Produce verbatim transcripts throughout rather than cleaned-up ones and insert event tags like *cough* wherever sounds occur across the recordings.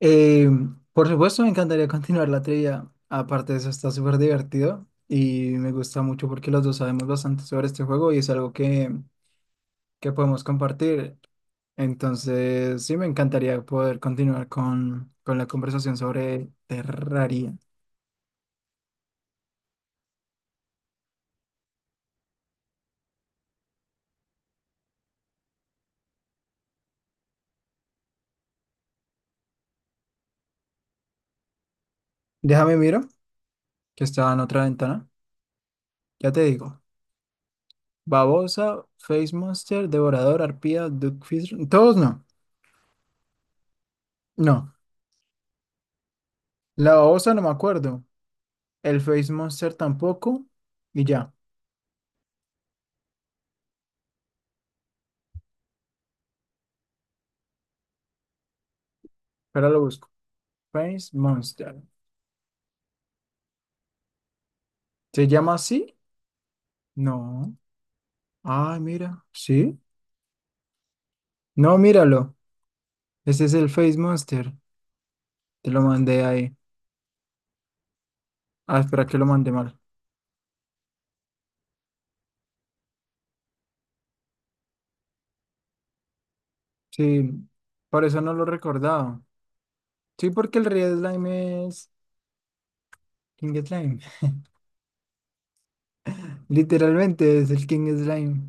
Eh, por supuesto, me encantaría *laughs* continuar la trivia. Aparte de eso, está súper divertido y me gusta mucho porque los dos sabemos bastante sobre este juego y es algo que, que podemos compartir. Entonces, sí, me encantaría poder continuar con, con la conversación sobre Terraria. Déjame miro, que estaba en otra ventana. Ya te digo. Babosa, Face Monster, Devorador, Arpía, Duckfish. Todos no. No. La babosa no me acuerdo. El Face Monster tampoco. Y ya. Pero lo busco. Face Monster. ¿Se llama así? No. Ah, mira. ¿Sí? No, míralo. Ese es el Face Monster. Te lo mandé ahí. Ah, espera que lo mandé mal. Sí, por eso no lo recordaba. Sí, porque el Red Slime es King Slime. *laughs* Literalmente es el King Slime.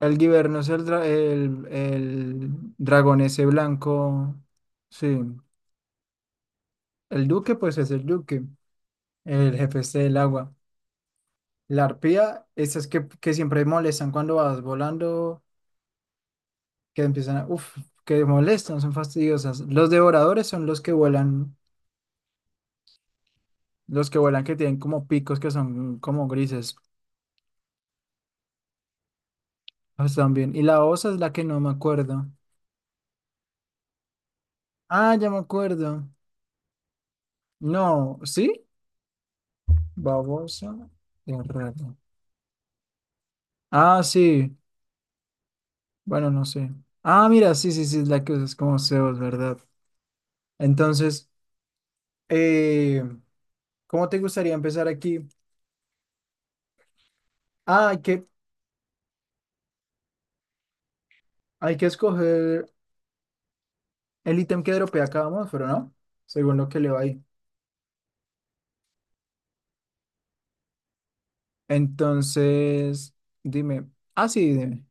El Giverno es el, dra- el, el dragón ese blanco. Sí. El Duque, pues es el Duque. El jefe ese del agua. La arpía, esas que, que siempre molestan cuando vas volando, que empiezan a, uf, que molestan, son fastidiosas. Los devoradores son los que vuelan, los que vuelan que tienen como picos que son como grises, ah, están. Y la osa es la que no me acuerdo. Ah, ya me acuerdo. No, ¿sí? Babosa de rato. Ah, sí. Bueno, no sé. Ah, mira, sí, sí, sí, es la que es como Zeus, ¿verdad? Entonces, eh, ¿cómo te gustaría empezar aquí? Ah, hay que. Hay que escoger el ítem que dropea cada monstruo, ¿no? Según lo que le va ahí. Entonces, dime. Ah, sí, dime.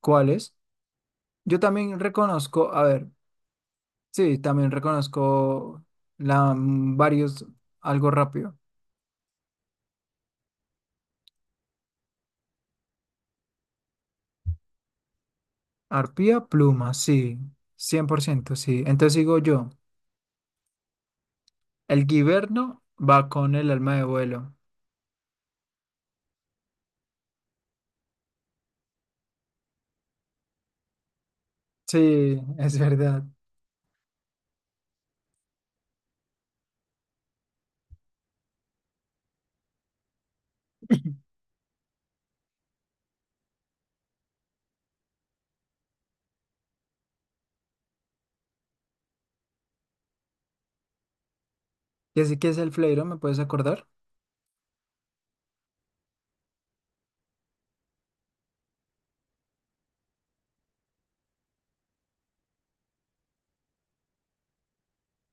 ¿Cuáles? Yo también reconozco, a ver, sí, también reconozco la, mm, varios, algo rápido. Arpía, pluma, sí, cien por ciento, sí. Entonces digo yo, el guiberno va con el alma de vuelo. Sí, *laughs* es verdad. ¿Y así que es el fleiro? ¿Me puedes acordar?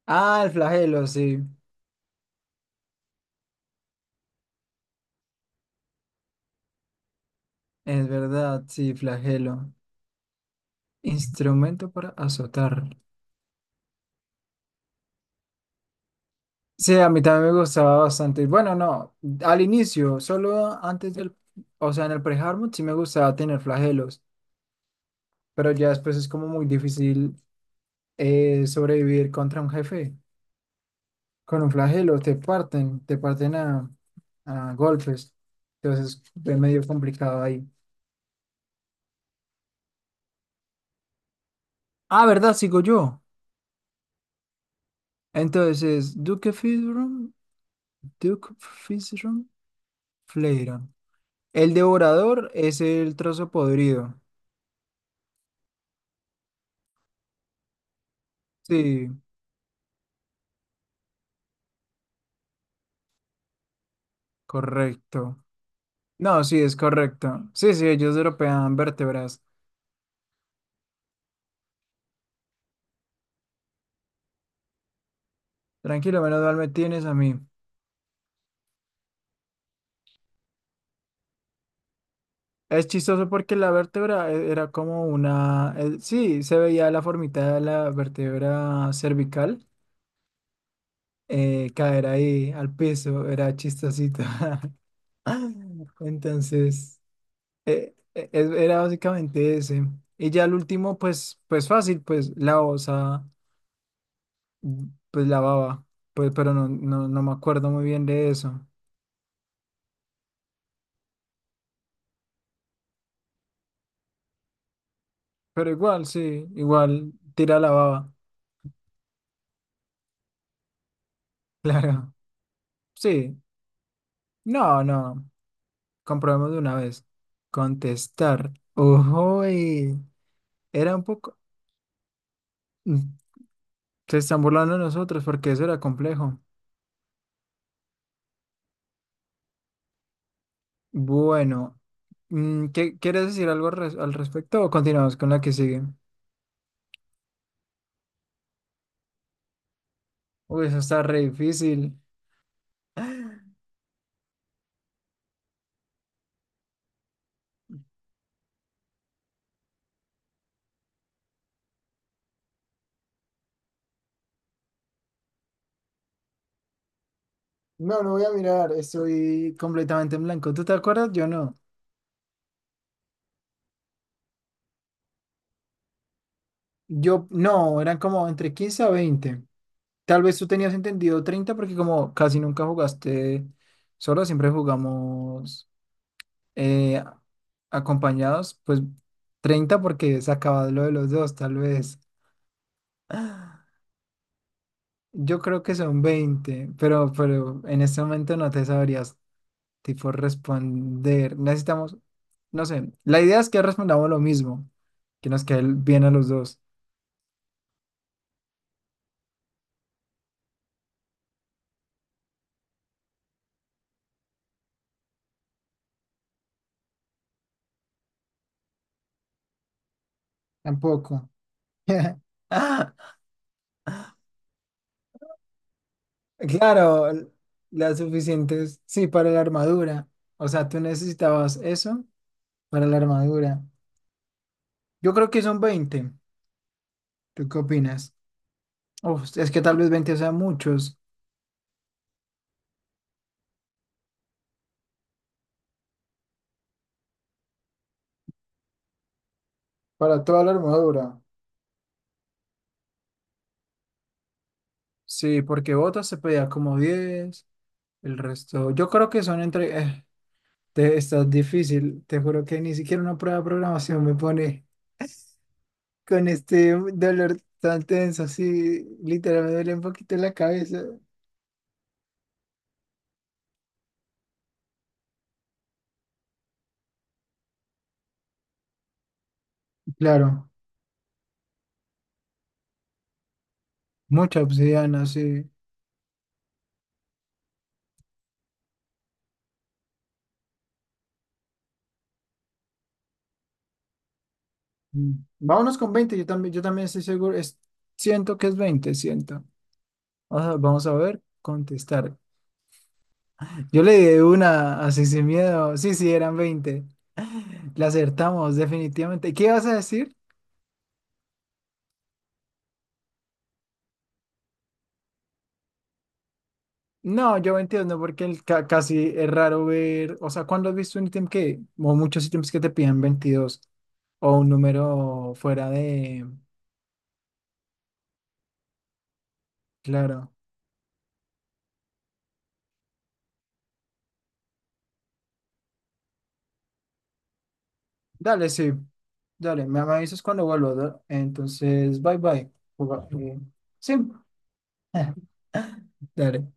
Ah, el flagelo, sí. Es verdad, sí, flagelo. Instrumento para azotar. Sí, a mí también me gustaba bastante. Bueno, no, al inicio, solo antes del, o sea, en el pre-hardmode sí me gustaba tener flagelos, pero ya después es como muy difícil eh, sobrevivir contra un jefe. Con un flagelo te parten, te parten a, a golpes. Entonces es medio complicado ahí. Ah, ¿verdad? Sigo yo. Entonces, Duke Fizron, Duke Fizron, Fleiron. El devorador es el trozo podrido. Sí, correcto. No, sí, es correcto. Sí, sí, ellos european vértebras. Tranquilo, menos mal me tienes a mí. Es chistoso porque la vértebra e- era como una... eh, sí, se veía la formita de la vértebra cervical, eh, caer ahí al piso. Era chistosito. *laughs* Entonces, eh, e- e- era básicamente ese. Y ya el último, pues, pues fácil, pues la osa. Pues la baba, pues, pero no, no, no me acuerdo muy bien de eso. Pero igual, sí, igual tira la baba, *laughs* claro. Sí, no, no, comprobemos de una vez. Contestar. Uy, era un poco... mm, se están burlando de nosotros porque eso era complejo. Bueno, mm, ¿qué, quieres decir algo res- al respecto o continuamos con la que sigue? Uy, eso está re difícil. No, no voy a mirar, estoy completamente en blanco. ¿Tú te acuerdas? Yo no. Yo, no, eran como entre quince a veinte. Tal vez tú tenías entendido treinta porque como casi nunca jugaste solo, siempre jugamos eh, acompañados, pues treinta porque se acaba lo de los dos, tal vez. *gasps* *laughs* Yo creo que son veinte pero, pero en este momento no te sabrías tipo responder. Necesitamos, no sé, la idea es que respondamos lo mismo, que nos quede bien a los dos. Tampoco. *laughs* *laughs* Claro, l- las suficientes, sí, para la armadura. O sea, tú necesitabas eso para la armadura. Yo creo que son veinte. ¿Tú qué opinas? Uf, es que tal vez veinte sean muchos para toda la armadura. Sí, porque botas se pedía como diez, el resto. Yo creo que son entre... eh, te, está difícil, te juro que ni siquiera una prueba de programación me pone con este dolor tan tenso, así literal me duele un poquito la cabeza. Claro, mucha obsidiana, sí. Mm. Vámonos con veinte yo también, yo también estoy seguro, es, siento que es veinte siento. Vamos a, vamos a ver, contestar. Yo le di una así sin miedo, sí, sí, eran veinte. La acertamos, definitivamente. ¿Qué ibas a decir? No, yo veintidós no, porque el, ca- casi es raro ver, o sea, ¿cuándo has visto un ítem que, o muchos ítems que te piden veintidós o un número fuera de, claro. Dale, sí, dale, me, me avisas cuando vuelvo, ¿no? Entonces, bye bye. Juga- eh, Sí. *laughs* ¿Dale.